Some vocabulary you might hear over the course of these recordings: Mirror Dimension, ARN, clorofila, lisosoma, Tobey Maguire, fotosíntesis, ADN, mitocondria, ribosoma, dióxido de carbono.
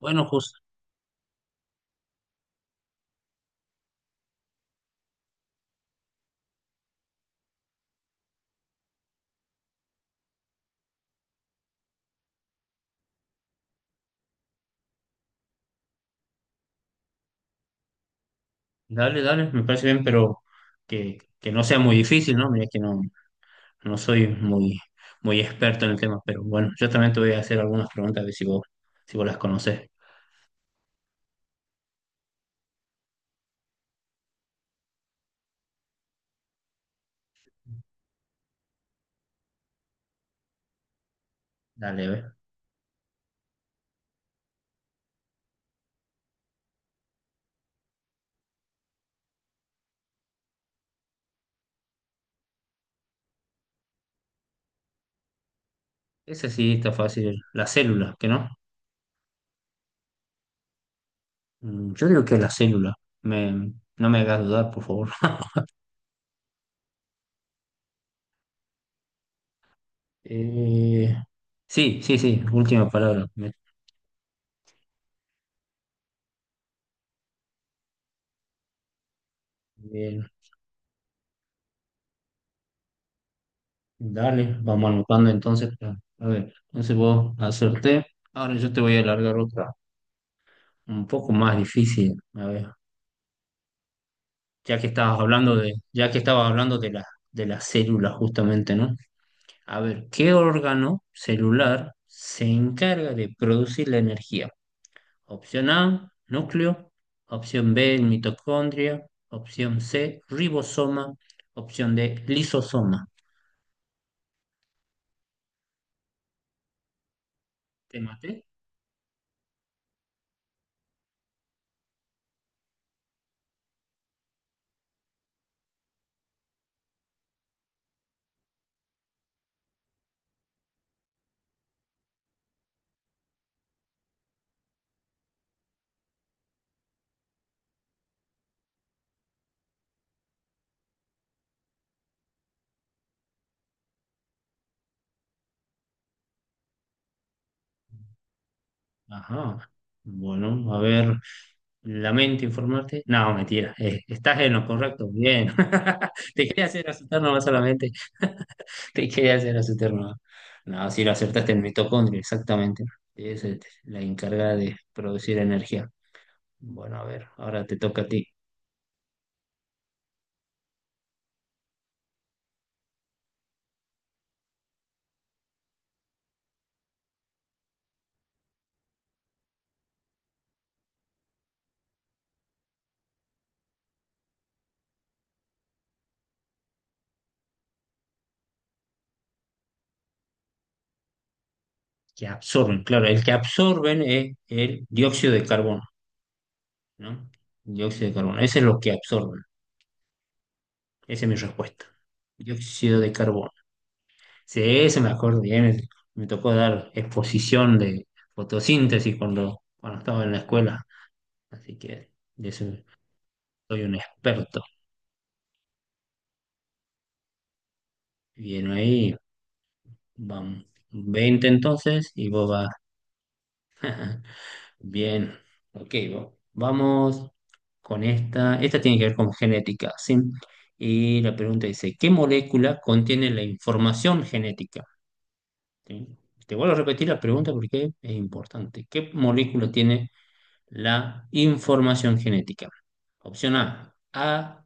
Bueno, justo, dale, dale, me parece bien, pero que no sea muy difícil, ¿no? Mira que no, no soy muy, muy experto en el tema, pero bueno, yo también te voy a hacer algunas preguntas, a ver si vos las conocés. Dale, a ver. Ese sí está fácil, la célula, ¿qué no? Mm, yo digo que la célula, me, no me hagas dudar, por favor. Eh, sí, sí, sí, última palabra. Me- bien, dale, vamos anotando entonces. A ver, entonces vos acerté, ahora yo te voy a alargar otra, un poco más difícil, a ver, ya que estabas hablando de las células justamente, ¿no? A ver, ¿qué órgano celular se encarga de producir la energía? Opción A, núcleo; opción B, mitocondria; opción C, ribosoma; opción D, lisosoma. ¿Te maté? Ajá. Bueno, a ver, lamento informarte. No, mentira, estás en lo correcto, bien. Te quería hacer asustar nomás solamente. Te quería hacer acertar una. No, si lo acertaste en mitocondria, exactamente. Es, la encargada de producir energía. Bueno, a ver, ahora te toca a ti. Que absorben, claro, el que absorben es el dióxido de carbono, ¿no? Dióxido de carbono, ese es lo que absorben. Esa es mi respuesta. Dióxido de carbono. Sí, eso me acuerdo bien. Me tocó dar exposición de fotosíntesis cuando estaba en la escuela. Así que de eso soy un experto. Bien ahí. Vamos 20 entonces y vos vas. Bien, ok, vamos con esta. Esta tiene que ver con genética, ¿sí? Y la pregunta dice, ¿qué molécula contiene la información genética? ¿Sí? Te vuelvo a repetir la pregunta porque es importante. ¿Qué molécula tiene la información genética? Opción A, ARN.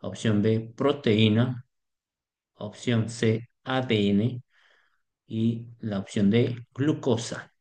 Opción B, proteína. Opción C, ADN. Y la opción D, glucosa.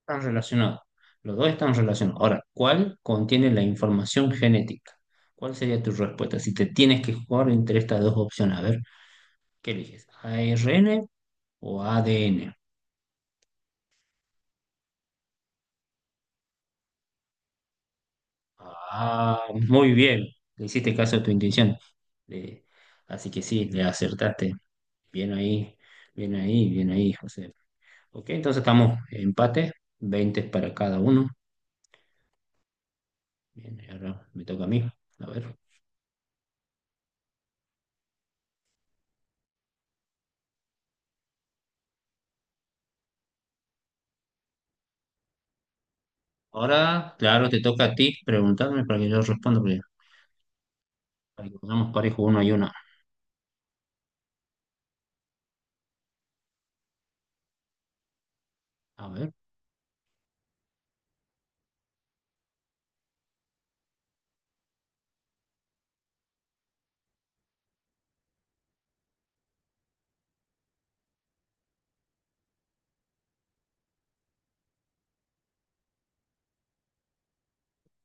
Están relacionados. Los dos están relacionados. Ahora, ¿cuál contiene la información genética? ¿Cuál sería tu respuesta si te tienes que jugar entre estas dos opciones? A ver, ¿qué eliges? ¿ARN o ADN? Ah, muy bien. Le hiciste caso a tu intuición. Le- así que sí, le acertaste. Bien ahí, bien ahí, bien ahí, José. Ok, entonces estamos empate, 20 para cada uno. Bien, ahora me toca a mí. A ver. Ahora, claro, te toca a ti preguntarme para que yo responda, porque ahí vamos parejo uno y una. A ver.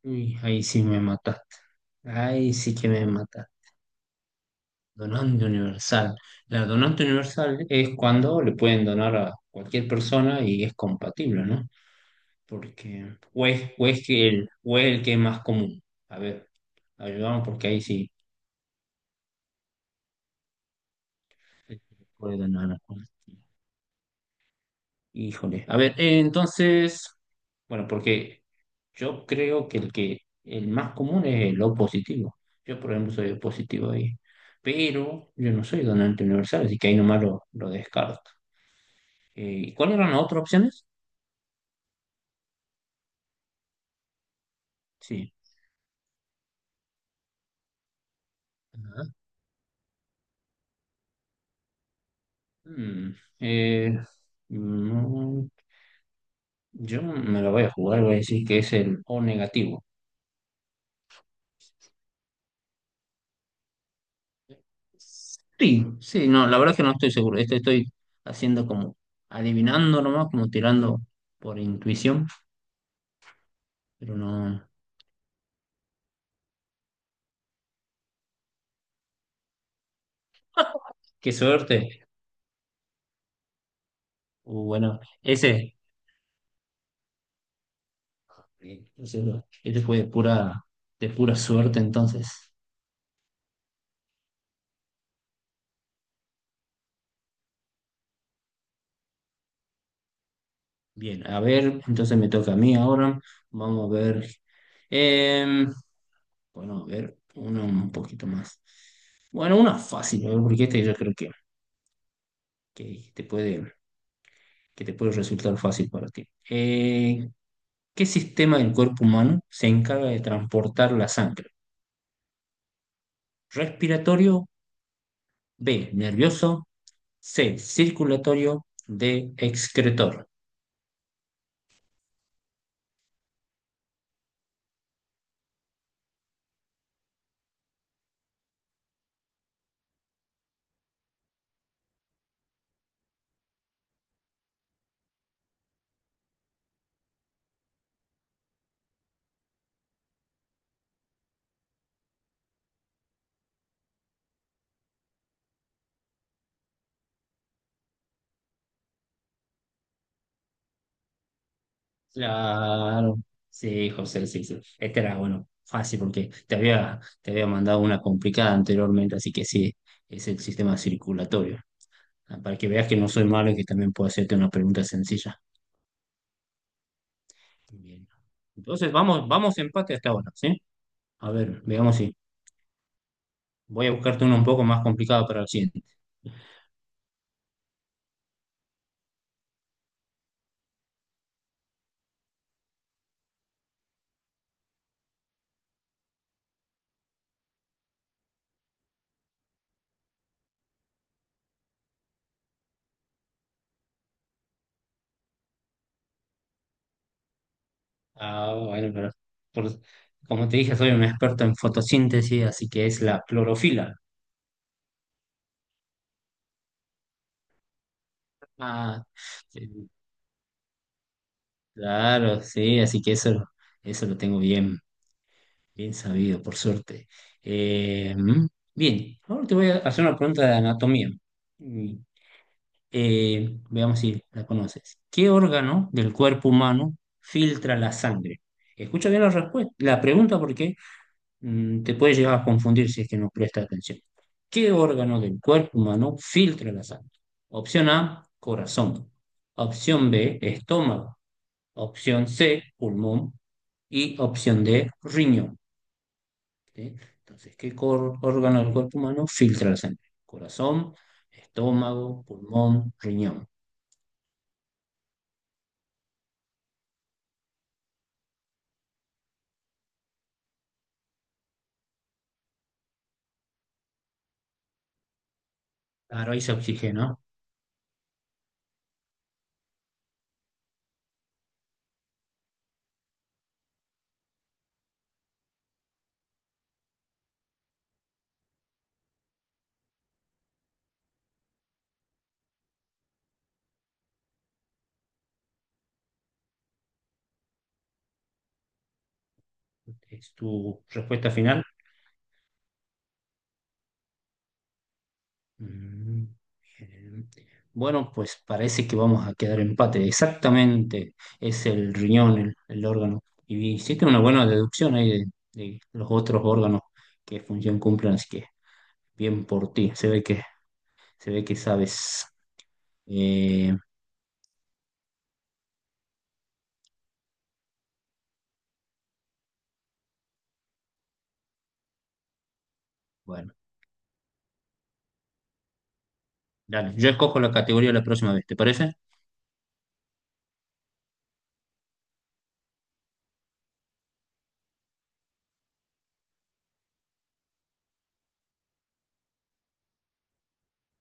Uy, ahí sí me mataste. Ahí sí que me mataste. Donante universal. La donante universal es cuando le pueden donar a cualquier persona y es compatible, ¿no? Porque, o es el que es más común. A ver, ayudamos porque ahí sí se puede donar a cualquiera. Híjole, a ver, entonces, bueno, porque yo creo que el más común es el O positivo. Yo, por ejemplo, soy O positivo ahí, pero yo no soy donante universal, así que ahí nomás lo descarto. ¿Y cuáles eran las otras opciones? Sí. Ajá. Mm, eh, mm, yo me la voy a jugar, voy a decir que es el O negativo. Sí, sí, no, la verdad es que no estoy seguro. Esto estoy haciendo como adivinando nomás, como tirando por intuición, pero no. Qué suerte. Bueno, ese este fue de pura suerte entonces. Bien, a ver, entonces me toca a mí ahora. Vamos a ver. em, bueno, a ver, uno un poquito más. Bueno, una fácil, a ver, porque este yo creo que te puede, que te puede resultar fácil para ti. Eh, ¿Qué sistema del cuerpo humano se encarga de transportar la sangre? Respiratorio; B, nervioso; C, circulatorio; D, excretor. Claro. Sí, José, sí, sí. Este era, bueno, fácil porque te había mandado una complicada anteriormente, así que sí, es el sistema circulatorio. Ah, para que veas que no soy malo y que también puedo hacerte una pregunta sencilla. Bien. Entonces, vamos empate hasta ahora, ¿sí? A ver, veamos si. Voy a buscarte uno un poco más complicado para el siguiente. Ah, bueno, pero por- como te dije, soy un experto en fotosíntesis, así que es la clorofila. Ah, sí, claro, sí, así que eso, eso lo tengo bien, bien sabido, por suerte. Eh, mm, bien, ahora te voy a hacer una pregunta de anatomía. Mm, veamos si la conoces. ¿Qué órgano del cuerpo humano filtra la sangre? Escucha bien la respuesta, la pregunta, porque te puede llegar a confundir si es que no presta atención. ¿Qué órgano del cuerpo humano filtra la sangre? Opción A, corazón. Opción B, estómago. Opción C, pulmón. Y opción D, riñón. ¿Sí? Entonces, ¿qué órgano del cuerpo humano filtra la sangre? Corazón, estómago, pulmón, riñón. Claro, ahí se oxigena. ¿Es tu respuesta final? Mm, bien. Bueno, pues parece que vamos a quedar empate. Exactamente, es el riñón, el órgano. Y hiciste una buena deducción ahí de los otros órganos que función cumplen, así que bien por ti. Se ve que sabes. Eh, bueno, dale, yo escojo la categoría la próxima vez, ¿te parece?